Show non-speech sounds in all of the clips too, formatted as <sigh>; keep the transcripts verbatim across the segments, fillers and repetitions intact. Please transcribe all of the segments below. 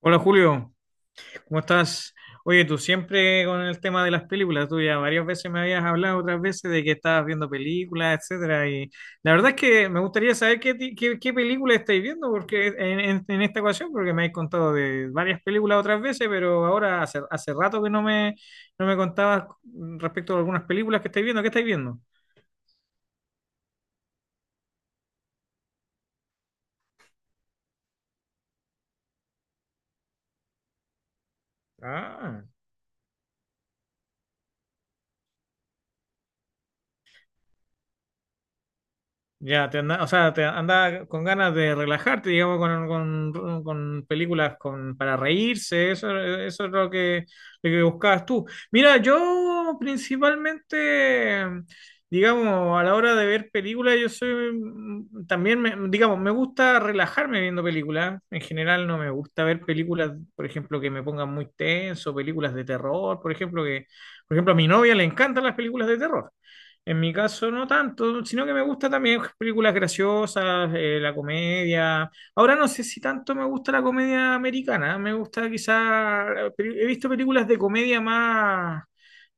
Hola Julio, ¿cómo estás? Oye, tú siempre con el tema de las películas, tú ya varias veces me habías hablado otras veces de que estabas viendo películas, etcétera, y la verdad es que me gustaría saber qué, ti- qué, qué película estáis viendo porque en, en- en esta ocasión, porque me habéis contado de varias películas otras veces, pero ahora hace, hace rato que no me, no me contabas respecto a algunas películas que estáis viendo, ¿qué estáis viendo? Ah. Ya, te anda, o sea, te anda con ganas de relajarte, digamos, con, con, con películas con, para reírse, eso, eso es lo que, lo que buscabas tú. Mira, yo principalmente, digamos, a la hora de ver películas, yo soy, mm, también, me- digamos, me gusta relajarme viendo películas. En general no me gusta ver películas, por ejemplo, que me pongan muy tenso, películas de terror, por ejemplo, que, por ejemplo, a mi novia le encantan las películas de terror. En mi caso, no tanto, sino que me gusta también películas graciosas, eh, la comedia. Ahora no sé si tanto me gusta la comedia americana, me gusta quizá, peli- he visto películas de comedia más,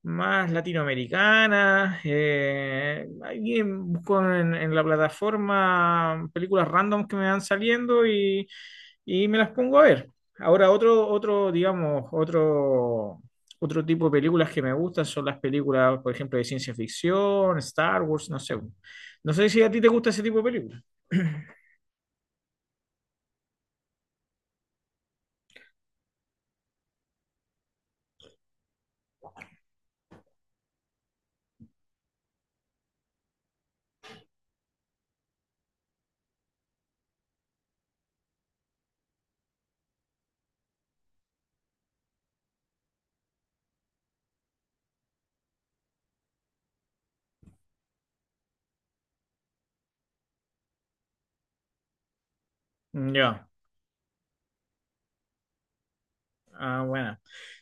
más latinoamericanas. Eh, ahí en- busco en, en la plataforma películas random que me van saliendo y, y me las pongo a ver. Ahora otro, otro, digamos, otro otro tipo de películas que me gustan son las películas, por ejemplo, de ciencia ficción, Star Wars, no sé. No sé si a ti te gusta ese tipo de películas. <clears throat> Ya. Ah, bueno.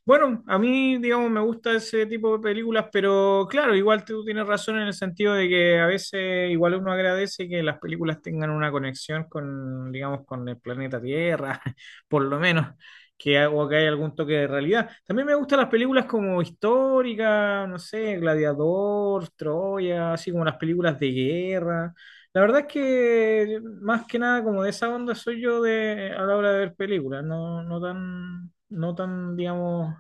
Bueno, a mí, digamos, me gusta ese tipo de películas, pero claro, igual tú tienes razón en el sentido de que a veces igual uno agradece que las películas tengan una conexión con, digamos, con el planeta Tierra, <laughs> por lo menos, que, ha- o que hay algún toque de realidad. También me gustan las películas como históricas, no sé, Gladiador, Troya, así como las películas de guerra. La verdad es que más que nada como de esa onda soy yo de a la hora de ver películas, no, no tan, no tan, digamos.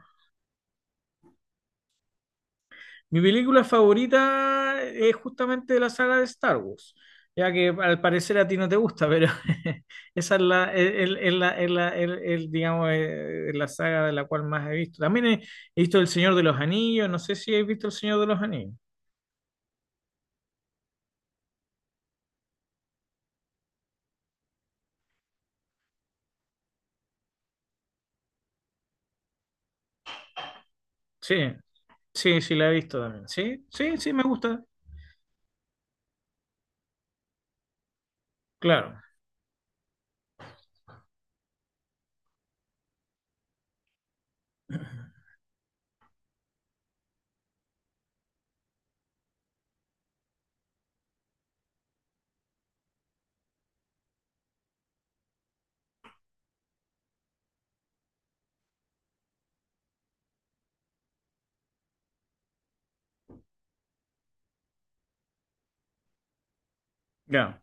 Mi película favorita es justamente la saga de Star Wars, ya que al parecer a ti no te gusta, pero <laughs> esa es la, el, el- la, el- la- el- el, digamos, eh, la saga de la cual más he visto. También he, he visto El Señor de los Anillos, no sé si has visto El Señor de los Anillos. Sí, sí, sí la he visto también. Sí, sí, sí me gusta. Claro, ya.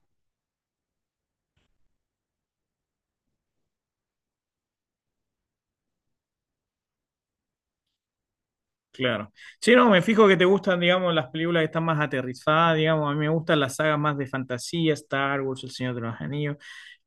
Claro. Sí, no, me fijo que te gustan, digamos, las películas que están más aterrizadas, digamos, a mí me gustan las sagas más de fantasía, Star Wars, El Señor de los Anillos,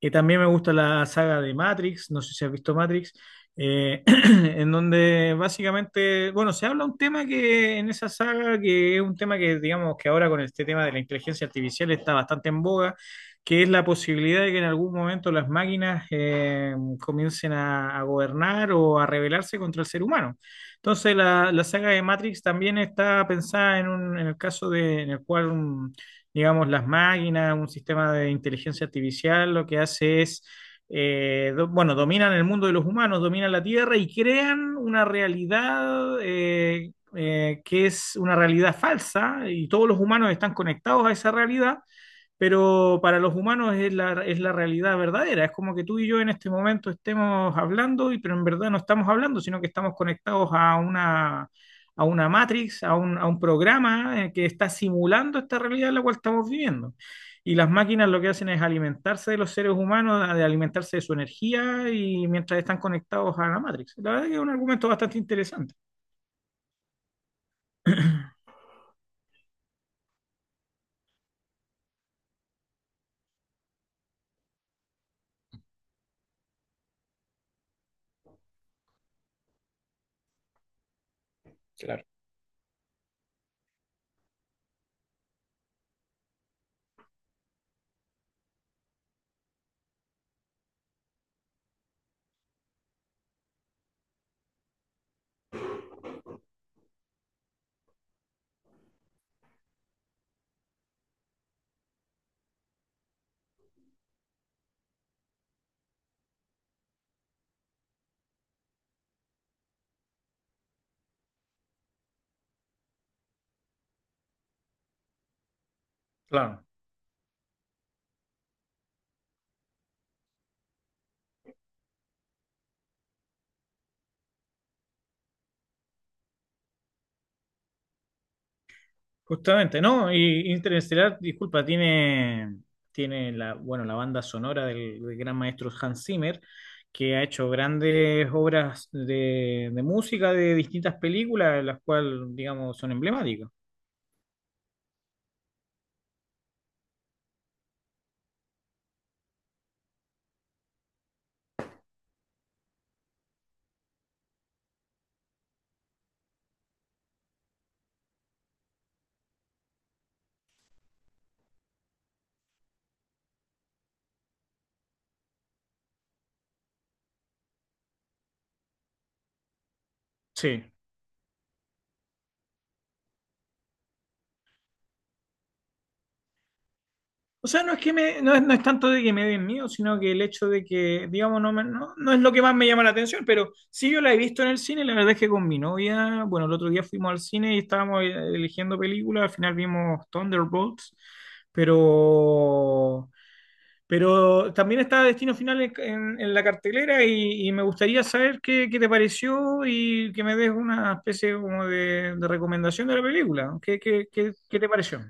y también me gusta la saga de Matrix, no sé si has visto Matrix, eh, <clears throat> en donde básicamente, bueno, se habla un tema que en esa saga, que es un tema que, digamos, que ahora con este tema de la inteligencia artificial está bastante en boga, que es la posibilidad de que en algún momento las máquinas eh, comiencen a a gobernar o a rebelarse contra el ser humano. Entonces, la, la saga de Matrix también está pensada en, un, en el caso de, en el cual, un- digamos, las máquinas, un sistema de inteligencia artificial, lo que hace es, eh, do- bueno, dominan el mundo de los humanos, dominan la Tierra y crean una realidad eh, eh, que es una realidad falsa y todos los humanos están conectados a esa realidad pero para los humanos es la, es la realidad verdadera. Es como que tú y yo en este momento estemos hablando, y, pero en verdad no estamos hablando, sino que estamos conectados a una, a una matrix, a un, a un programa eh, que está simulando esta realidad en la cual estamos viviendo. Y las máquinas lo que hacen es alimentarse de los seres humanos, de alimentarse de su energía y mientras están conectados a la matrix. La verdad que es un argumento bastante interesante. Claro. Justamente, ¿no? Y Interestelar, disculpa, tiene, tiene la, bueno, la banda sonora del, del gran maestro Hans Zimmer, que ha hecho grandes obras de, de música de distintas películas, las cuales, digamos, son emblemáticas. Sí. O sea, no es que me, no es, no es tanto de que me den miedo, sino que el hecho de que, digamos, no, me- no, no es lo que más me llama la atención, pero sí yo la he visto en el cine, la verdad es que con mi novia, bueno, el otro día fuimos al cine y estábamos eh, eligiendo películas, al final vimos Thunderbolts, pero, pero también estaba Destino Final en, en- en la cartelera y, y me gustaría saber qué, qué te pareció y que me des una especie como de, de recomendación de la película. ¿Qué, qué, qué- qué te pareció?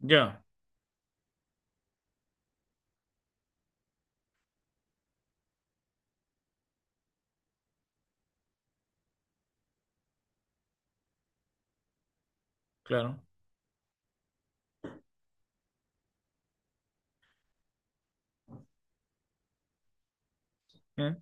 Ya, claro. ¿Eh?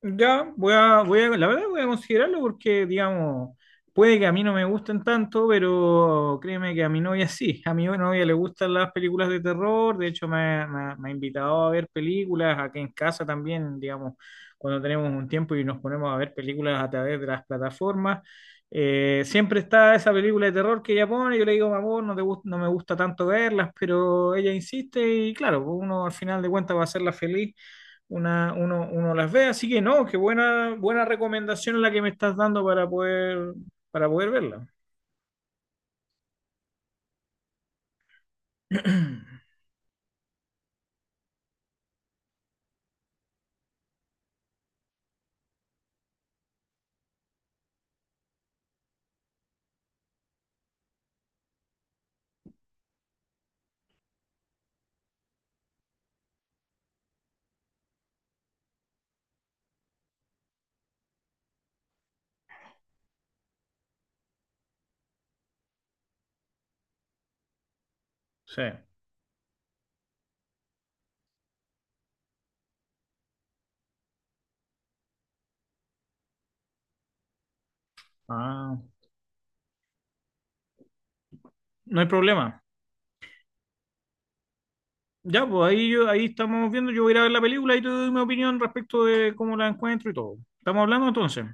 Ya, voy a, voy a, la verdad voy a considerarlo porque, digamos, puede que a mí no me gusten tanto, pero créeme que a mi novia sí, a mi novia le gustan las películas de terror, de hecho me, ha me ha- me ha invitado a ver películas, aquí en casa también, digamos, cuando tenemos un tiempo y nos ponemos a ver películas a través de las plataformas, eh, siempre está esa película de terror que ella pone, yo le digo, amor, no te gust- no me gusta tanto verlas, pero ella insiste y claro, pues, uno al final de cuentas va a hacerla feliz una, uno, uno las ve, así que no, qué buena, buena recomendación la que me estás dando para poder, para poder verla. <clears throat> Sí. Ah, no hay problema. Ya, pues ahí yo, ahí estamos viendo, yo voy a ir a ver la película y te doy mi opinión respecto de cómo la encuentro y todo. ¿Estamos hablando entonces?